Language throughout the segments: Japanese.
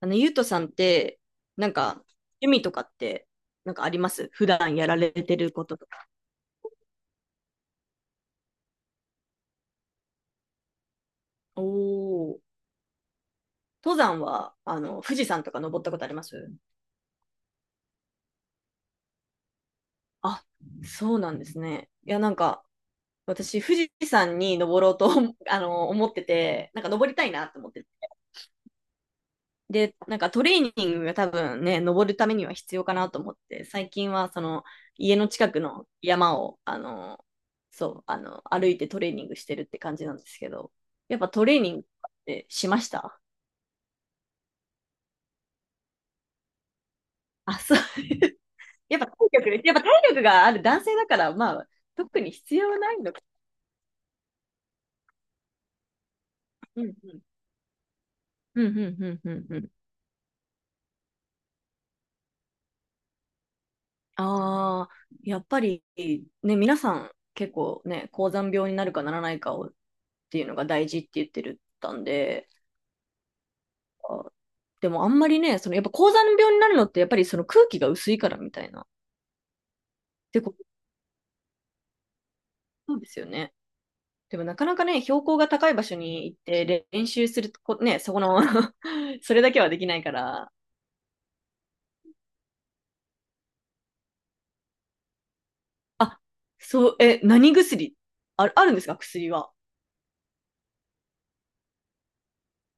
ゆうとさんって、なんか、趣味とかって、なんかあります？普段やられてることとか。お。お。登山は、富士山とか登ったことあります？あ、そうなんですね。いや、なんか、私、富士山に登ろうと 思ってて、なんか登りたいなと思って、で、なんかトレーニングが多分ね、登るためには必要かなと思って、最近はその家の近くの山を、歩いてトレーニングしてるって感じなんですけど、やっぱトレーニングってしました？ あ、そう。やっぱ体力がある男性だから、まあ、特に必要ないのか。うんうん。うんうんうんうんうん。ああ、やっぱりね、皆さん結構ね、高山病になるかならないかをっていうのが大事って言ってるったんで、でもあんまりね、そのやっぱ高山病になるのってやっぱりその空気が薄いからみたいな。ってこと、そうですよね。でもなかなかね、標高が高い場所に行って練習するこ、ね、そこの それだけはできないから。あ、そう、え、何薬？あ、あるんですか？薬は。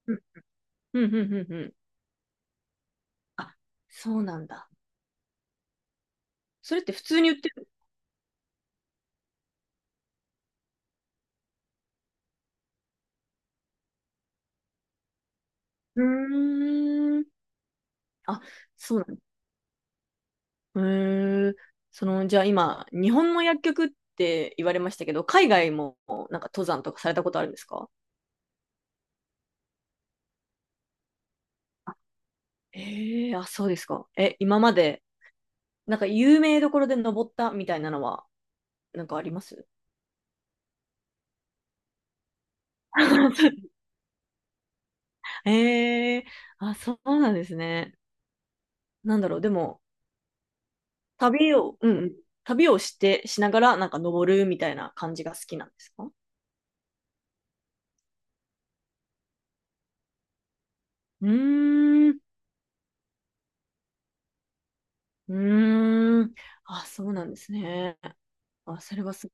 うん、うん、うん、うん。うん。あ、そうなんだ。それって普通に売ってる？うーん。あ、そうなんだ。へ。え、その、じゃあ今、日本の薬局って言われましたけど、海外もなんか登山とかされたことあるんですか？ええー、あ、そうですか。え、今まで、なんか有名どころで登ったみたいなのは、なんかあります？ ええー、あ、そうなんですね。なんだろう、でも、旅を、うんうん、旅をして、しながら、なんか登るみたいな感じが好きなんですか？うーん、うーん、あ、そうなんですね。あ、それは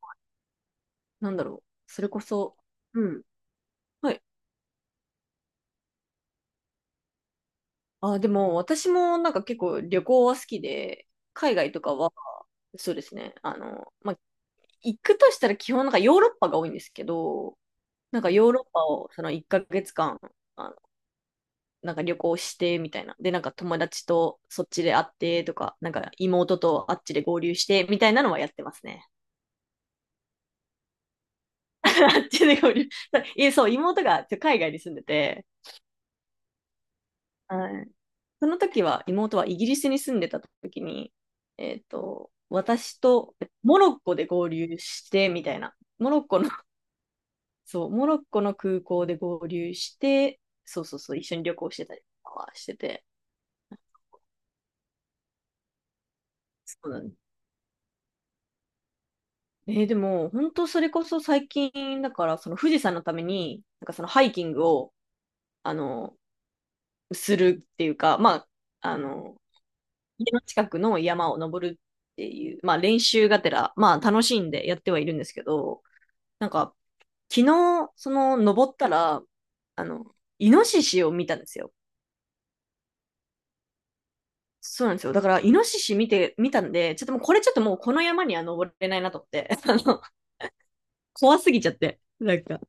なんだろう。それこそ。うん。はい。あ、でも私もなんか結構旅行は好きで、海外とかは、そうですね。まあ、行くとしたら基本なんかヨーロッパが多いんですけど、なんかヨーロッパをその1ヶ月間、あの、なんか旅行してみたいな。で、なんか友達とそっちで会ってとか、なんか妹とあっちで合流してみたいなのはやってますね。あっちで合流。いえ、そう、妹が海外に住んでて、はい。その時は、妹はイギリスに住んでた時に、私とモロッコで合流して、みたいな。モロッコの、そう、モロッコの空港で合流して、そうそうそう、一緒に旅行してたりとかはしてて。そうなんです。えー、でも、本当それこそ最近、だから、その富士山のために、なんかそのハイキングを、あの、するっていうか、まあ、家の近くの山を登るっていう、まあ練習がてら、まあ楽しんでやってはいるんですけど、なんか、昨日、その登ったら、イノシシを見たんですよ。そうなんですよ。だから、イノシシ見たんで、ちょっともうこの山には登れないなと思って、怖すぎちゃって、なんか。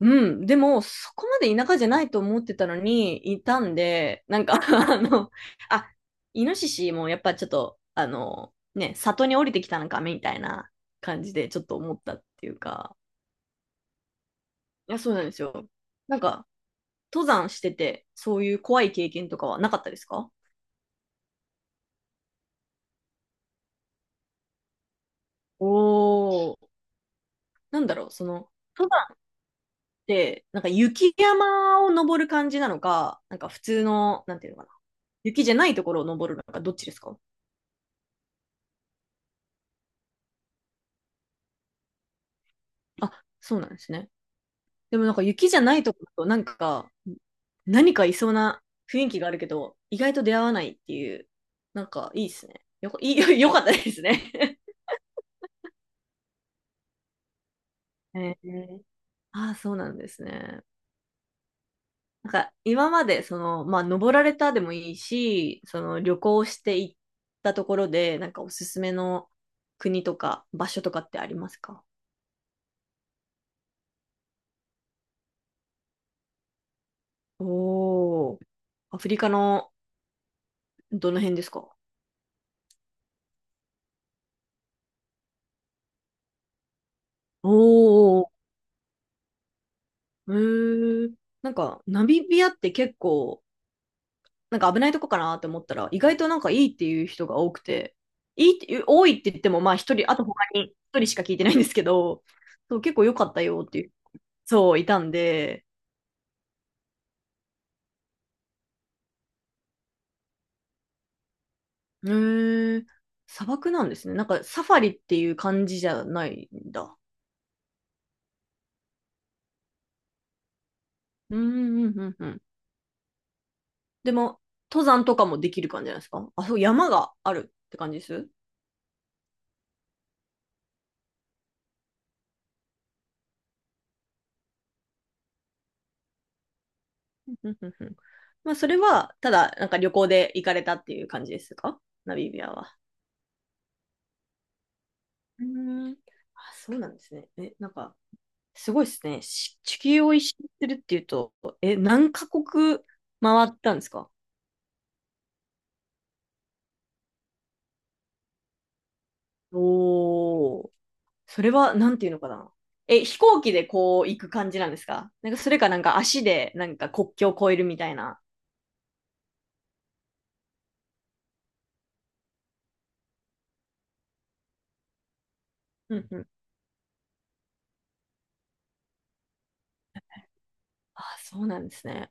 うん、でも、そこまで田舎じゃないと思ってたのに、いたんで、なんか あの、あ、イノシシもやっぱちょっと、ね、里に降りてきたのか、みたいな感じで、ちょっと思ったっていうか。いや、そうなんですよ。なんか、登山してて、そういう怖い経験とかはなかったですか？おー、なんだろう、その、登山って、なんか雪山を登る感じなのか、なんか普通の、なんていうのかな、雪じゃないところを登るのか、どっちですか？あ、そうなんですね。でもなんか雪じゃないとこだとなんか何かいそうな雰囲気があるけど意外と出会わないっていう、なんかいいですね。よこいい よかったですね。えー、ああ、そうなんですね。なんか今までそのまあ登られたでもいいしその旅行して行ったところでなんかおすすめの国とか場所とかってありますか？おー、アフリカのどの辺ですか？おー、へー、なんか、ナミビアって結構、なんか危ないとこかなって思ったら、意外となんかいいっていう人が多くて、いいって多いって言っても、まあ一人、あと他に一人しか聞いてないんですけど、そう、結構良かったよっていう、そう、いたんで。へー、砂漠なんですね。なんかサファリっていう感じじゃないんだ。うん、うん、うん、うん。でも、登山とかもできる感じなんですか？あ、そう、山があるって感じです？うんうんうんうん。まあ、それは、ただ、なんか旅行で行かれたっていう感じですか？ナミビアは。うーん。あ、そうなんですね。え、なんか、すごいですね。地球を一周するっていうと、え、何カ国回ったんですか？おおー。それは、なんていうのかな。え、飛行機でこう行く感じなんですか？なんか、それかなんか足でなんか国境を越えるみたいな。うんうん。あ、そうなんですね。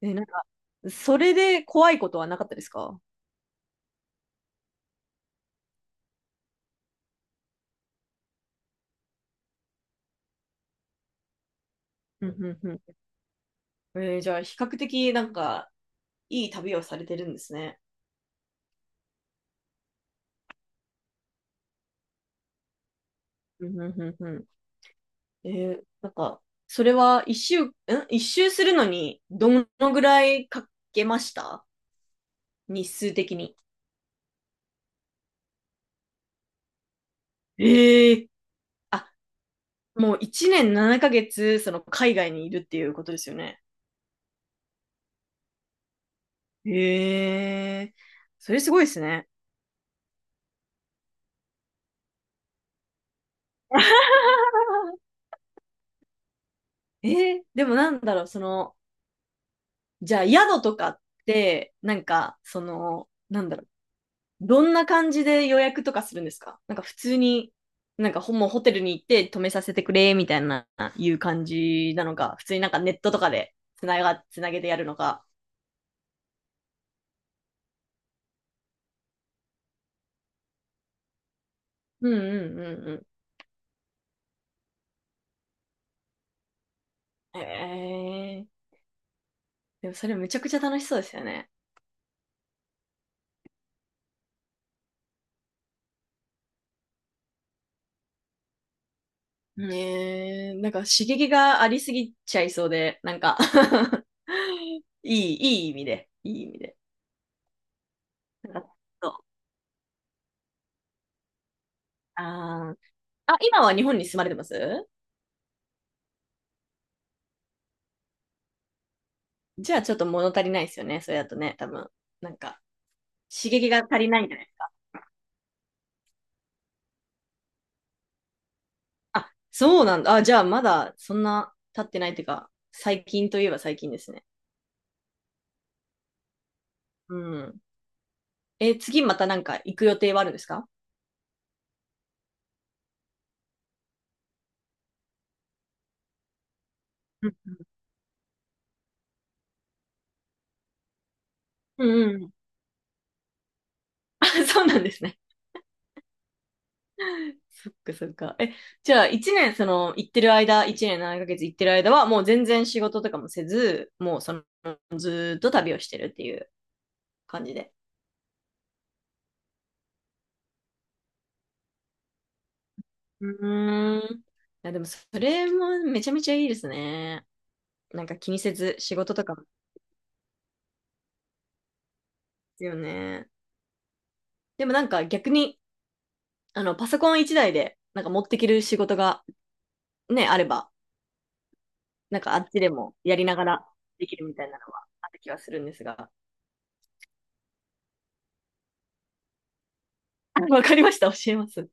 え、なんか、それで怖いことはなかったですか？うんうんうん。えー、じゃあ、比較的なんか、いい旅をされてるんですね。うんうんうんうん。えー、なんか、それは一周、一周するのに、どのぐらいかけました？日数的に。ええ、あ、もう1年7ヶ月、その海外にいるっていうことですよね。ええ、それすごいですね。ええ、でもなんだろう、その、じゃあ宿とかって、なんか、その、なんだろう、どんな感じで予約とかするんですか？なんか普通に、なんかもうホテルに行って泊めさせてくれ、みたいな、いう感じなのか、普通になんかネットとかでつなげてやるのか。うんうんうんうん。へえ、でもそれめちゃくちゃ楽しそうですよね。ねえ、なんか刺激がありすぎちゃいそうで、なんか いい意味で、いい意味で。なんかそう、あー、あ、今は日本に住まれてます？じゃあちょっと物足りないですよね、それだとね、多分。なんか、刺激が足りないんじゃないですか。あ、そうなんだ。あ、じゃあまだそんな経ってないっていうか、最近といえば最近ですね。うん。え、次またなんか行く予定はあるんですか？うんうんうん。あ、そうなんですね。そっかそっか。え、じゃあ一年その行ってる間、一年7ヶ月行ってる間はもう全然仕事とかもせず、もうそのずーっと旅をしてるっていう感じで。うーん。いやでもそれもめちゃめちゃいいですね。なんか気にせず仕事とかもですよね。でもなんか逆に、パソコン一台で、なんか持ってきる仕事がね、あれば、なんかあっちでもやりながらできるみたいなのはある気はするんですが。あ、わかりました。教えます。